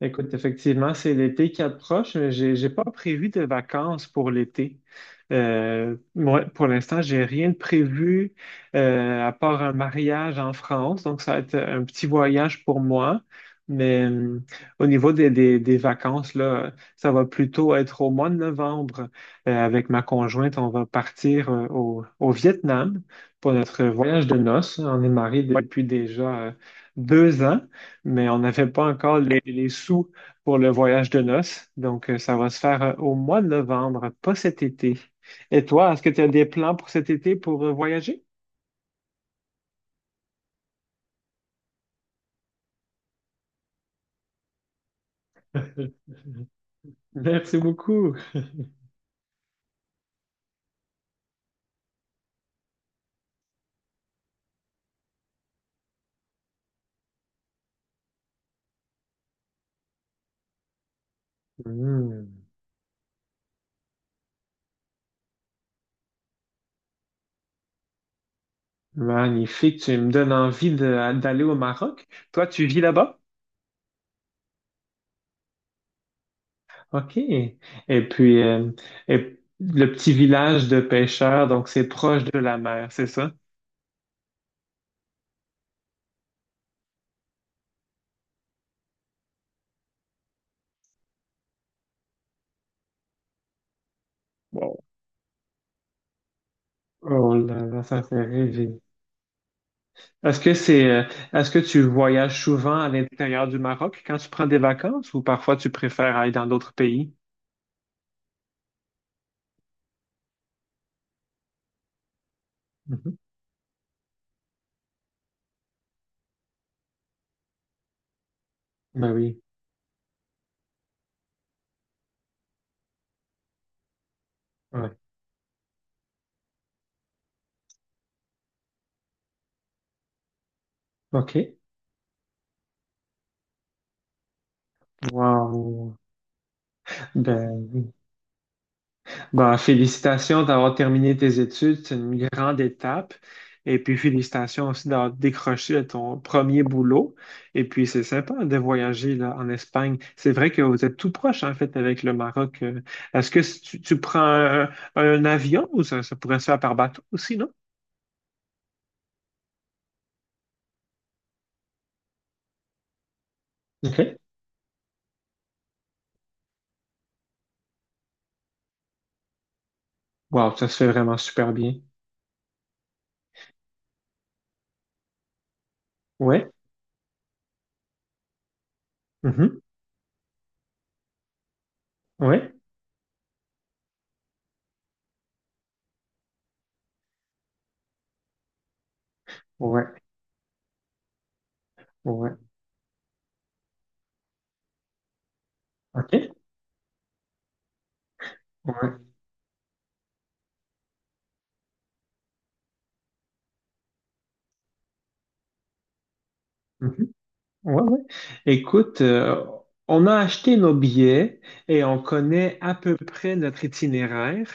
Écoute, effectivement, c'est l'été qui approche, mais j'ai pas prévu de vacances pour l'été. Moi, pour l'instant, j'ai rien de prévu à part un mariage en France, donc ça va être un petit voyage pour moi. Mais euh, Au niveau des vacances, là, ça va plutôt être au mois de novembre. Avec ma conjointe, on va partir au Vietnam pour notre voyage de noces. On est mariés. Ouais. Depuis déjà 2 ans, mais on n'avait pas encore les sous pour le voyage de noces. Donc, ça va se faire au mois de novembre, pas cet été. Et toi, est-ce que tu as des plans pour cet été pour voyager? Merci beaucoup. Hmm. Magnifique, tu me donnes envie d'aller au Maroc. Toi, tu vis là-bas? OK. Et puis, et le petit village de pêcheurs, donc c'est proche de la mer, c'est ça? Wow. Oh là là, ça fait rêver. Est-ce que c'est, euh, Est-ce que tu voyages souvent à l'intérieur du Maroc quand tu prends des vacances ou parfois tu préfères aller dans d'autres pays? Mhm. Ben oui. Ouais. OK. Wow. Ben, ben, félicitations d'avoir terminé tes études. C'est une grande étape. Et puis félicitations aussi d'avoir décroché ton premier boulot. Et puis c'est sympa de voyager là, en Espagne. C'est vrai que vous êtes tout proche en fait avec le Maroc. Est-ce que tu prends un avion ou ça pourrait se faire par bateau aussi, non? OK. Wow, ça se fait vraiment super bien. Ouais. Mhm. Ouais. Ouais. Ouais. OK. Ouais. Mhm. Ouais. Écoute, on a acheté nos billets et on connaît à peu près notre itinéraire.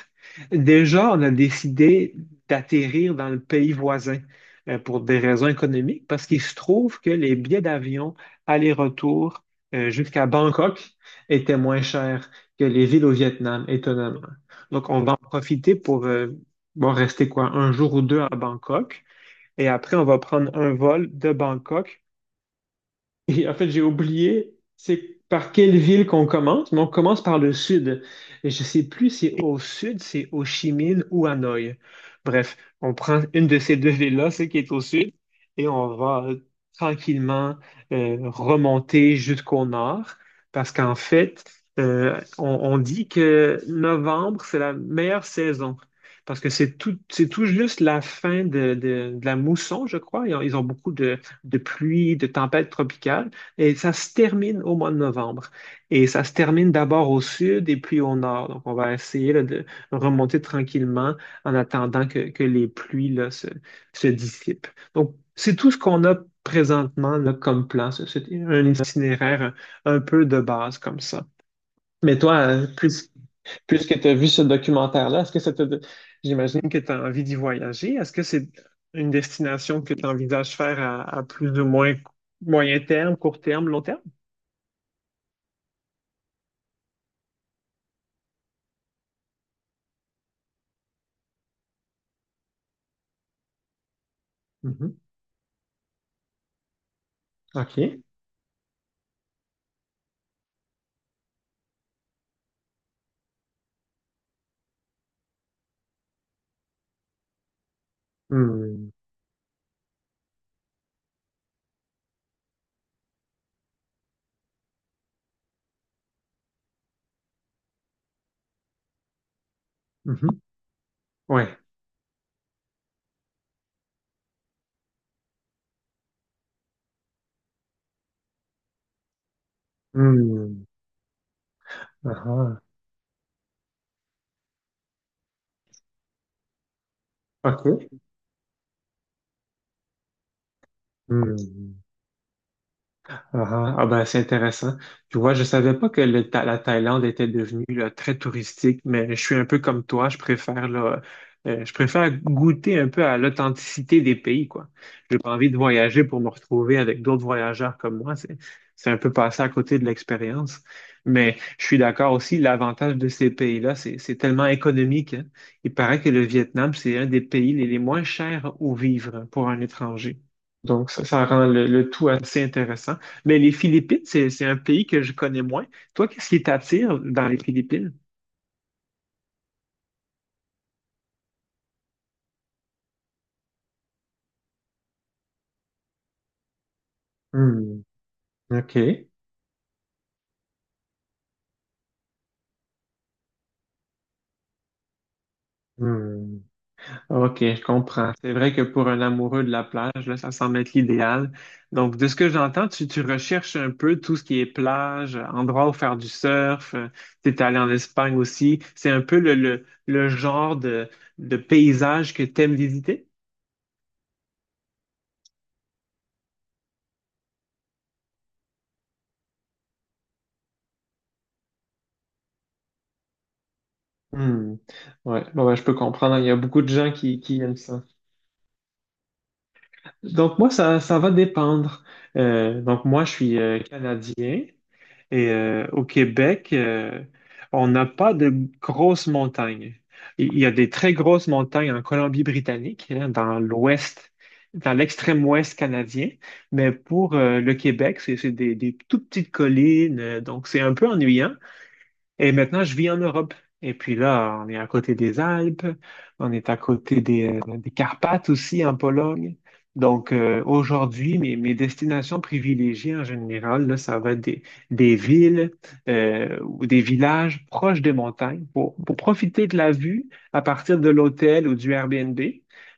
Déjà, on a décidé d'atterrir dans le pays voisin pour des raisons économiques, parce qu'il se trouve que les billets d'avion aller-retour jusqu'à Bangkok étaient moins chers que les villes au Vietnam, étonnamment. Donc, on va en profiter pour bon, rester quoi, un jour ou deux à Bangkok. Et après, on va prendre un vol de Bangkok et en fait, j'ai oublié, c'est par quelle ville qu'on commence, mais on commence par le sud. Et je sais plus si au sud, c'est Ho Chi Minh ou Hanoï. Bref, on prend une de ces deux villes-là, celle qui est au sud, et on va tranquillement remonter jusqu'au nord, parce qu'en fait, euh, on, on dit que novembre, c'est la meilleure saison. Parce que c'est tout juste la fin de la mousson, je crois. Ils ont beaucoup de pluie, de tempête tropicale, et ça se termine au mois de novembre. Et ça se termine d'abord au sud et puis au nord. Donc, on va essayer là, de remonter tranquillement en attendant que les pluies là, se dissipent. Donc, c'est tout ce qu'on a présentement là, comme plan. C'est un itinéraire un peu de base comme ça. Mais toi, puisque tu as vu ce documentaire-là, est-ce que ça te... J'imagine que tu as envie d'y voyager. Est-ce que c'est une destination que tu envisages faire à plus ou moins moyen terme, court terme, long terme? Mhm. OK. Hmm. Mhm. Ouais. Hmm. Ah ah. OK. Hmm. Ah, ah, ben, c'est intéressant. Tu vois, je savais pas que la Thaïlande était devenue là, très touristique, mais je suis un peu comme toi, je préfère là, je préfère goûter un peu à l'authenticité des pays, quoi. J'ai pas envie de voyager pour me retrouver avec d'autres voyageurs comme moi. C'est un peu passer à côté de l'expérience. Mais je suis d'accord aussi, l'avantage de ces pays-là, c'est tellement économique, hein. Il paraît que le Vietnam, c'est un des pays les moins chers où vivre pour un étranger. Donc, ça rend le tout assez intéressant. Mais les Philippines, c'est un pays que je connais moins. Toi, qu'est-ce qui t'attire dans les Philippines? Hmm, OK. Hmm. OK, je comprends. C'est vrai que pour un amoureux de la plage, là, ça semble être l'idéal. Donc, de ce que j'entends, tu recherches un peu tout ce qui est plage, endroit où faire du surf. Tu es allé en Espagne aussi. C'est un peu le genre de paysage que tu aimes visiter? Hmm. Ouais, bon, ben, je peux comprendre. Il y a beaucoup de gens qui aiment ça. Donc moi, ça va dépendre. Donc moi, je suis Canadien et au Québec, on n'a pas de grosses montagnes. Il y a des très grosses montagnes en Colombie-Britannique, hein, dans l'ouest, dans l'extrême ouest canadien, mais pour le Québec, c'est des toutes petites collines, donc c'est un peu ennuyant. Et maintenant, je vis en Europe. Et puis là, on est à côté des Alpes, on est à côté des Carpates aussi en Pologne. Donc aujourd'hui, mes destinations privilégiées en général, là, ça va être des villes ou des villages proches des montagnes pour profiter de la vue à partir de l'hôtel ou du Airbnb,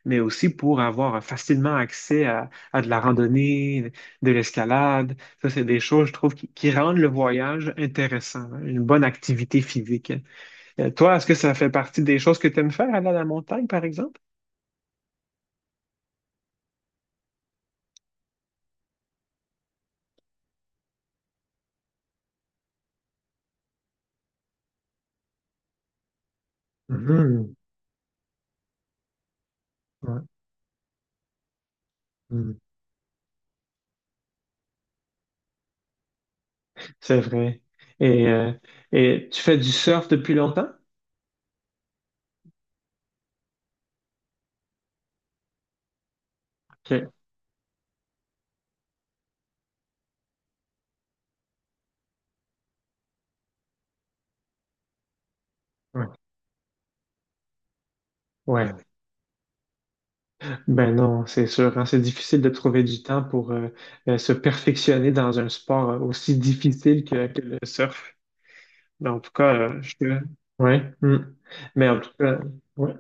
mais aussi pour avoir facilement accès à de la randonnée, de l'escalade. Ça, c'est des choses, je trouve, qui rendent le voyage intéressant, hein, une bonne activité physique. Toi, est-ce que ça fait partie des choses que tu aimes faire, aller à la montagne, par exemple? Mhm. Ouais. Mhm. C'est vrai. Et, euh, et tu fais du surf depuis longtemps? OK. Ouais. Ouais. Ben non, c'est sûr, hein. C'est difficile de trouver du temps pour se perfectionner dans un sport aussi difficile que le surf. Mais en tout cas, je... ouais. Hmm. Mais en tout cas, ouais.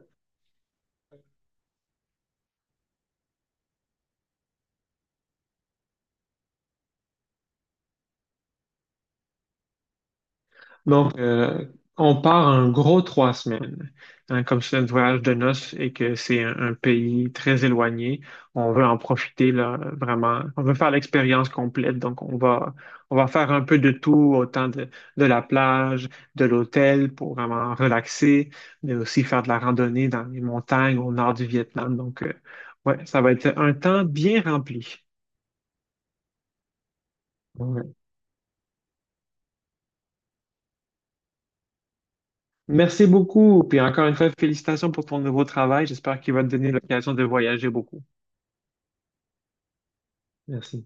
Donc, on part un gros 3 semaines. Hein, comme c'est un voyage de noces et que c'est un pays très éloigné, on veut en profiter là, vraiment. On veut faire l'expérience complète. Donc, on va faire un peu de tout, autant de la plage, de l'hôtel pour vraiment relaxer, mais aussi faire de la randonnée dans les montagnes au nord du Vietnam. Donc, ouais, ça va être un temps bien rempli. Merci beaucoup. Puis encore une fois, félicitations pour ton nouveau travail. J'espère qu'il va te donner l'occasion de voyager beaucoup. Merci.